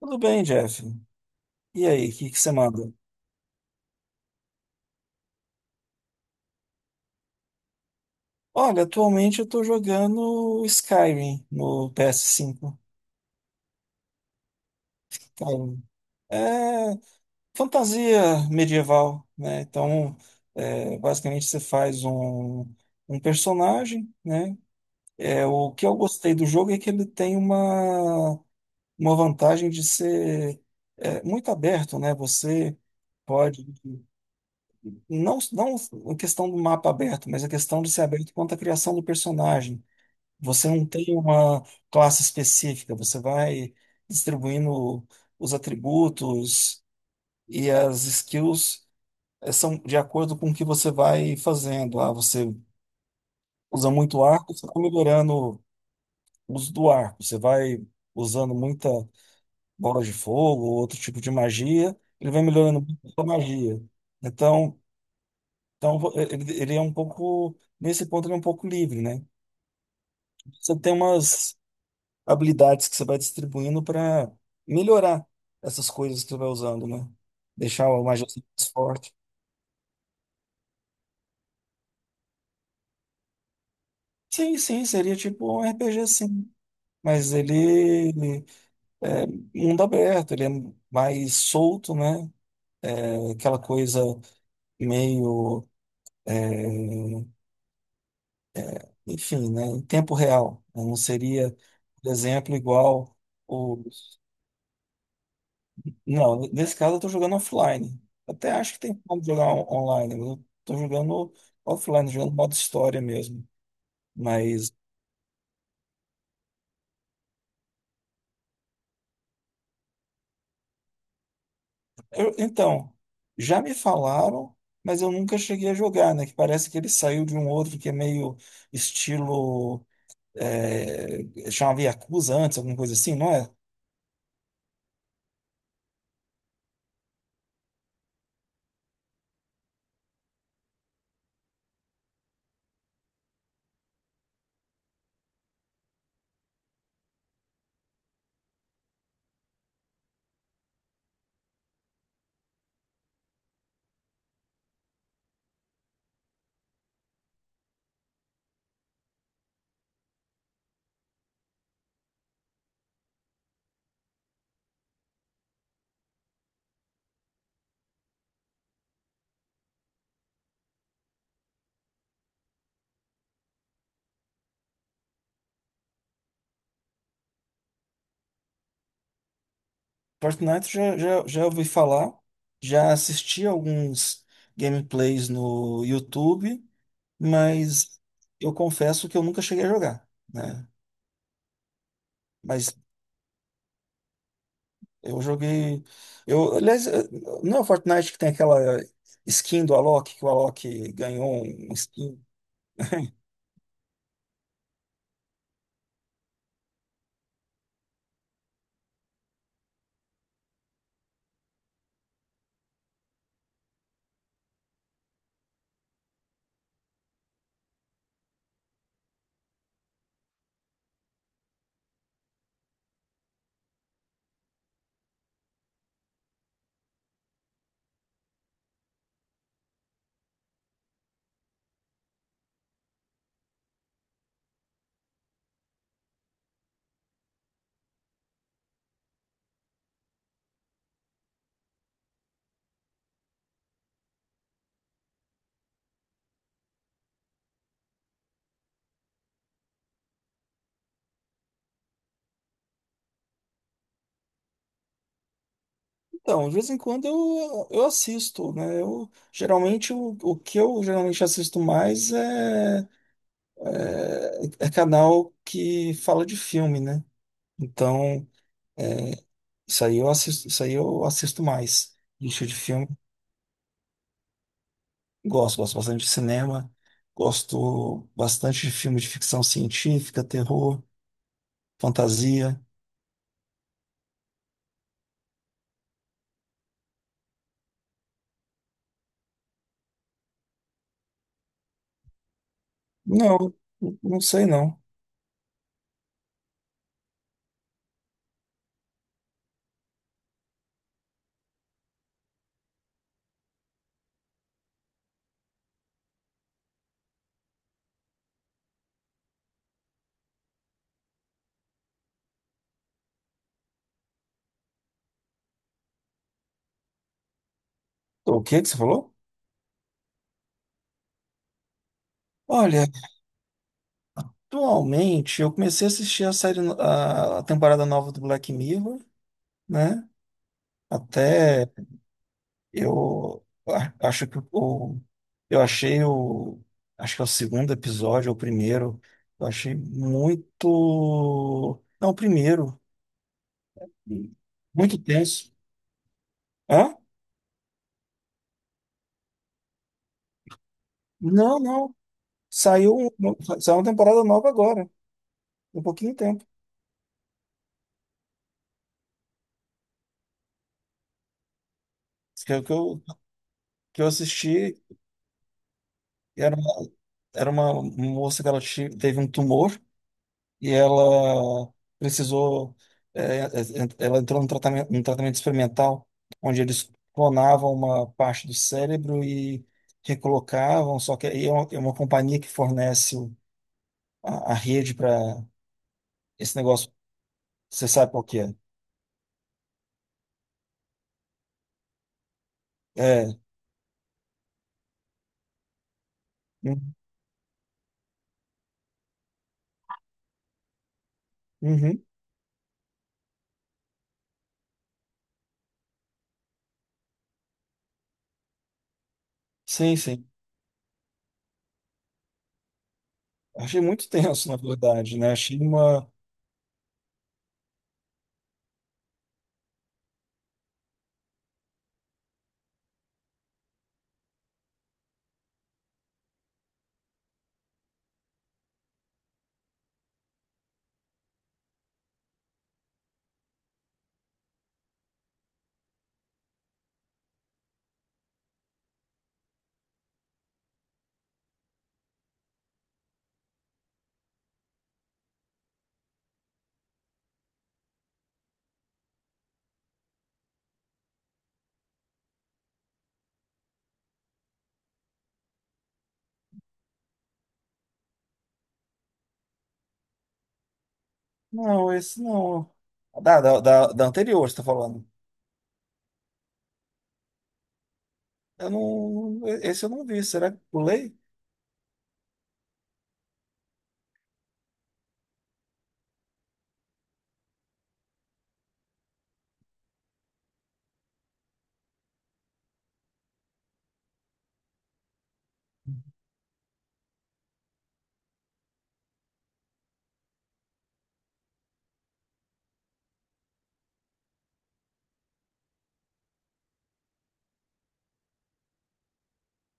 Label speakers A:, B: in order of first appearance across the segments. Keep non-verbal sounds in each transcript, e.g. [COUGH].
A: Tudo bem, Jeff. E aí, o que que você manda? Olha, atualmente eu tô jogando Skyrim no PS5. Skyrim. É fantasia medieval, né? Então, basicamente você faz um personagem, né? O que eu gostei do jogo é que ele tem uma vantagem de ser muito aberto, né? Pode, não, não a questão do mapa aberto, mas a questão de ser aberto quanto à criação do personagem. Você não tem uma classe específica, você vai distribuindo os atributos e as skills são de acordo com o que você vai fazendo. Ah, você usa muito arco, você está melhorando o uso do arco. Você vai usando muita bola de fogo, ou outro tipo de magia, ele vai melhorando muito a magia. Então, ele é um pouco, nesse ponto, ele é um pouco livre, né? Você tem umas habilidades que você vai distribuindo para melhorar essas coisas que você vai usando, né? Deixar o magia mais forte. Sim, sim, seria tipo um RPG, sim. Mas ele é mundo aberto, ele é mais solto, né? É aquela coisa meio, enfim, né? Em tempo real, né? Não seria, por exemplo, igual o. Não, nesse caso eu tô jogando offline. Até acho que tem como jogar online, mas eu tô jogando offline, jogando modo história mesmo. Mas, então, já me falaram, mas eu nunca cheguei a jogar, né? Que parece que ele saiu de um outro que é meio estilo. É, chamava Yakuza antes, alguma coisa assim, não é? Fortnite já ouvi falar, já assisti alguns gameplays no YouTube, mas eu confesso que eu nunca cheguei a jogar, né? Mas eu joguei. Eu, aliás, não é o Fortnite que tem aquela skin do Alok, que o Alok ganhou um skin. [LAUGHS] Então, de vez em quando eu assisto, né? Eu, geralmente, o que eu geralmente assisto mais é, é, canal que fala de filme, né? Então, isso aí eu assisto, isso aí eu assisto mais. Lista de filme. Gosto, gosto bastante de cinema. Gosto bastante de filme de ficção científica, terror, fantasia. Não, não sei não. O que que você falou? Olha, atualmente eu comecei a assistir a série, a temporada nova do Black Mirror, né? Até eu acho que o, eu achei o, acho que é o segundo episódio, ou o primeiro, eu achei muito, não, o primeiro, muito tenso. Hã? Não, não, saiu, saiu uma temporada nova agora, um pouquinho de tempo, que é o que que eu assisti. E era era uma moça que ela teve um tumor e ela precisou. é, é, é, Ela entrou num tratamento, experimental, onde eles clonavam uma parte do cérebro e recolocavam. Só que aí é uma companhia que fornece a rede para esse negócio. Você sabe qual que é? É. Uhum. Uhum, sim, sim. Achei muito tenso, na verdade, né? Achei uma. Não, esse não. Da anterior, você está falando. Eu não, esse eu não vi. Será que pulei?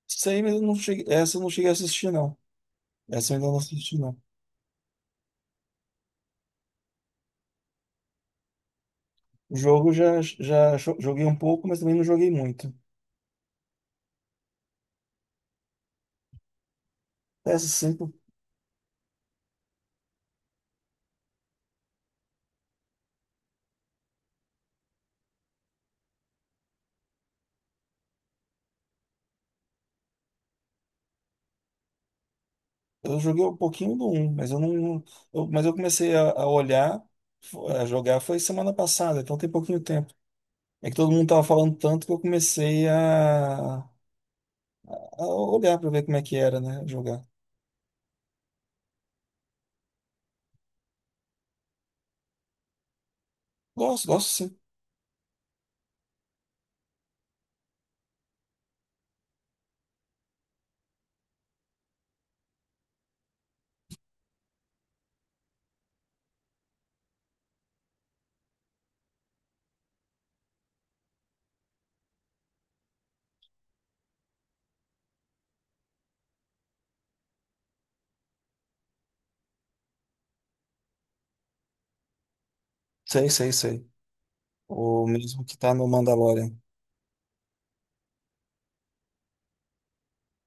A: Sei, mas eu não cheguei, essa eu não cheguei a assistir, não. Essa eu ainda não assisti, não. O jogo eu já joguei um pouco, mas também não joguei muito. PS5. Eu joguei um pouquinho do um mas eu não. Mas eu comecei a olhar, a jogar, foi semana passada, então tem pouquinho tempo. É que todo mundo tava falando tanto que eu comecei a olhar pra ver como é que era, né? Jogar. Gosto, gosto sim. Sei, sei, sei. O mesmo que tá no Mandalorian.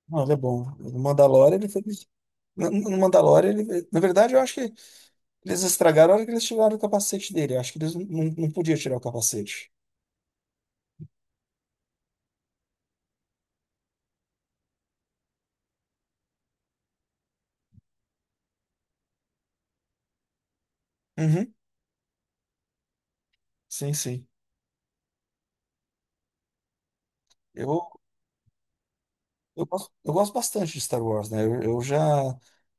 A: Não, ele é bom. No Mandalorian ele fez. No Mandalorian, ele, na verdade, eu acho que eles estragaram a hora que eles tiraram o capacete dele. Eu acho que eles não, não, não podiam tirar o capacete. Uhum, sim, sim. Eu Eu gosto, eu gosto bastante de Star Wars, né? Eu já.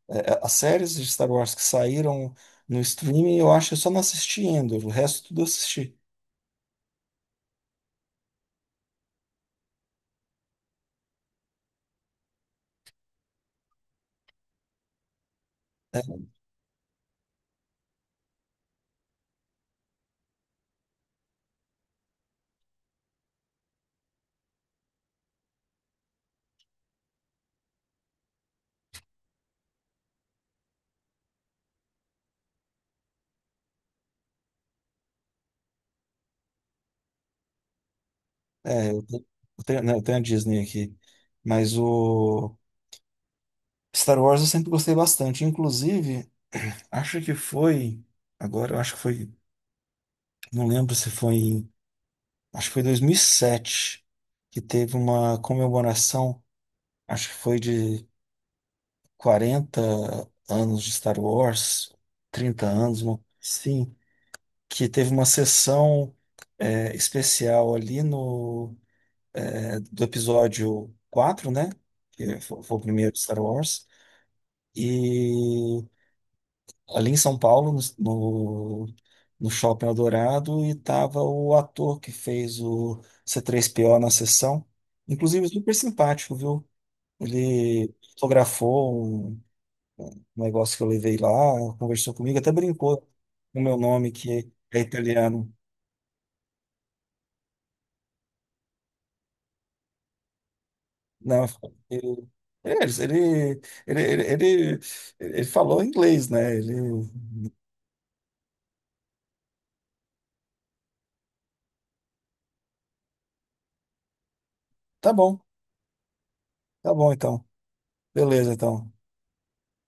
A: As séries de Star Wars que saíram no streaming, eu acho que eu só não assisti ainda. O resto tudo eu assisti. É, é, eu te- eu tenho, né, eu tenho a Disney aqui. Mas o Star Wars eu sempre gostei bastante. Inclusive, acho que foi. Agora, eu acho que foi. Não lembro se foi. Acho que foi 2007 que teve uma comemoração. Acho que foi de quarenta anos de Star Wars, 30 anos, sim, que teve uma sessão especial ali no é, do episódio 4, né? Que foi o primeiro de Star Wars. E ali em São Paulo, no Shopping Eldorado, e tava o ator que fez o C3PO na sessão. Inclusive, super simpático, viu? Ele fotografou um negócio que eu levei lá, conversou comigo, até brincou com o meu nome, que é italiano. Não, ele, ele, ele, ele, ele, ele falou inglês, né? Ele, tá bom, tá bom então. Beleza, então.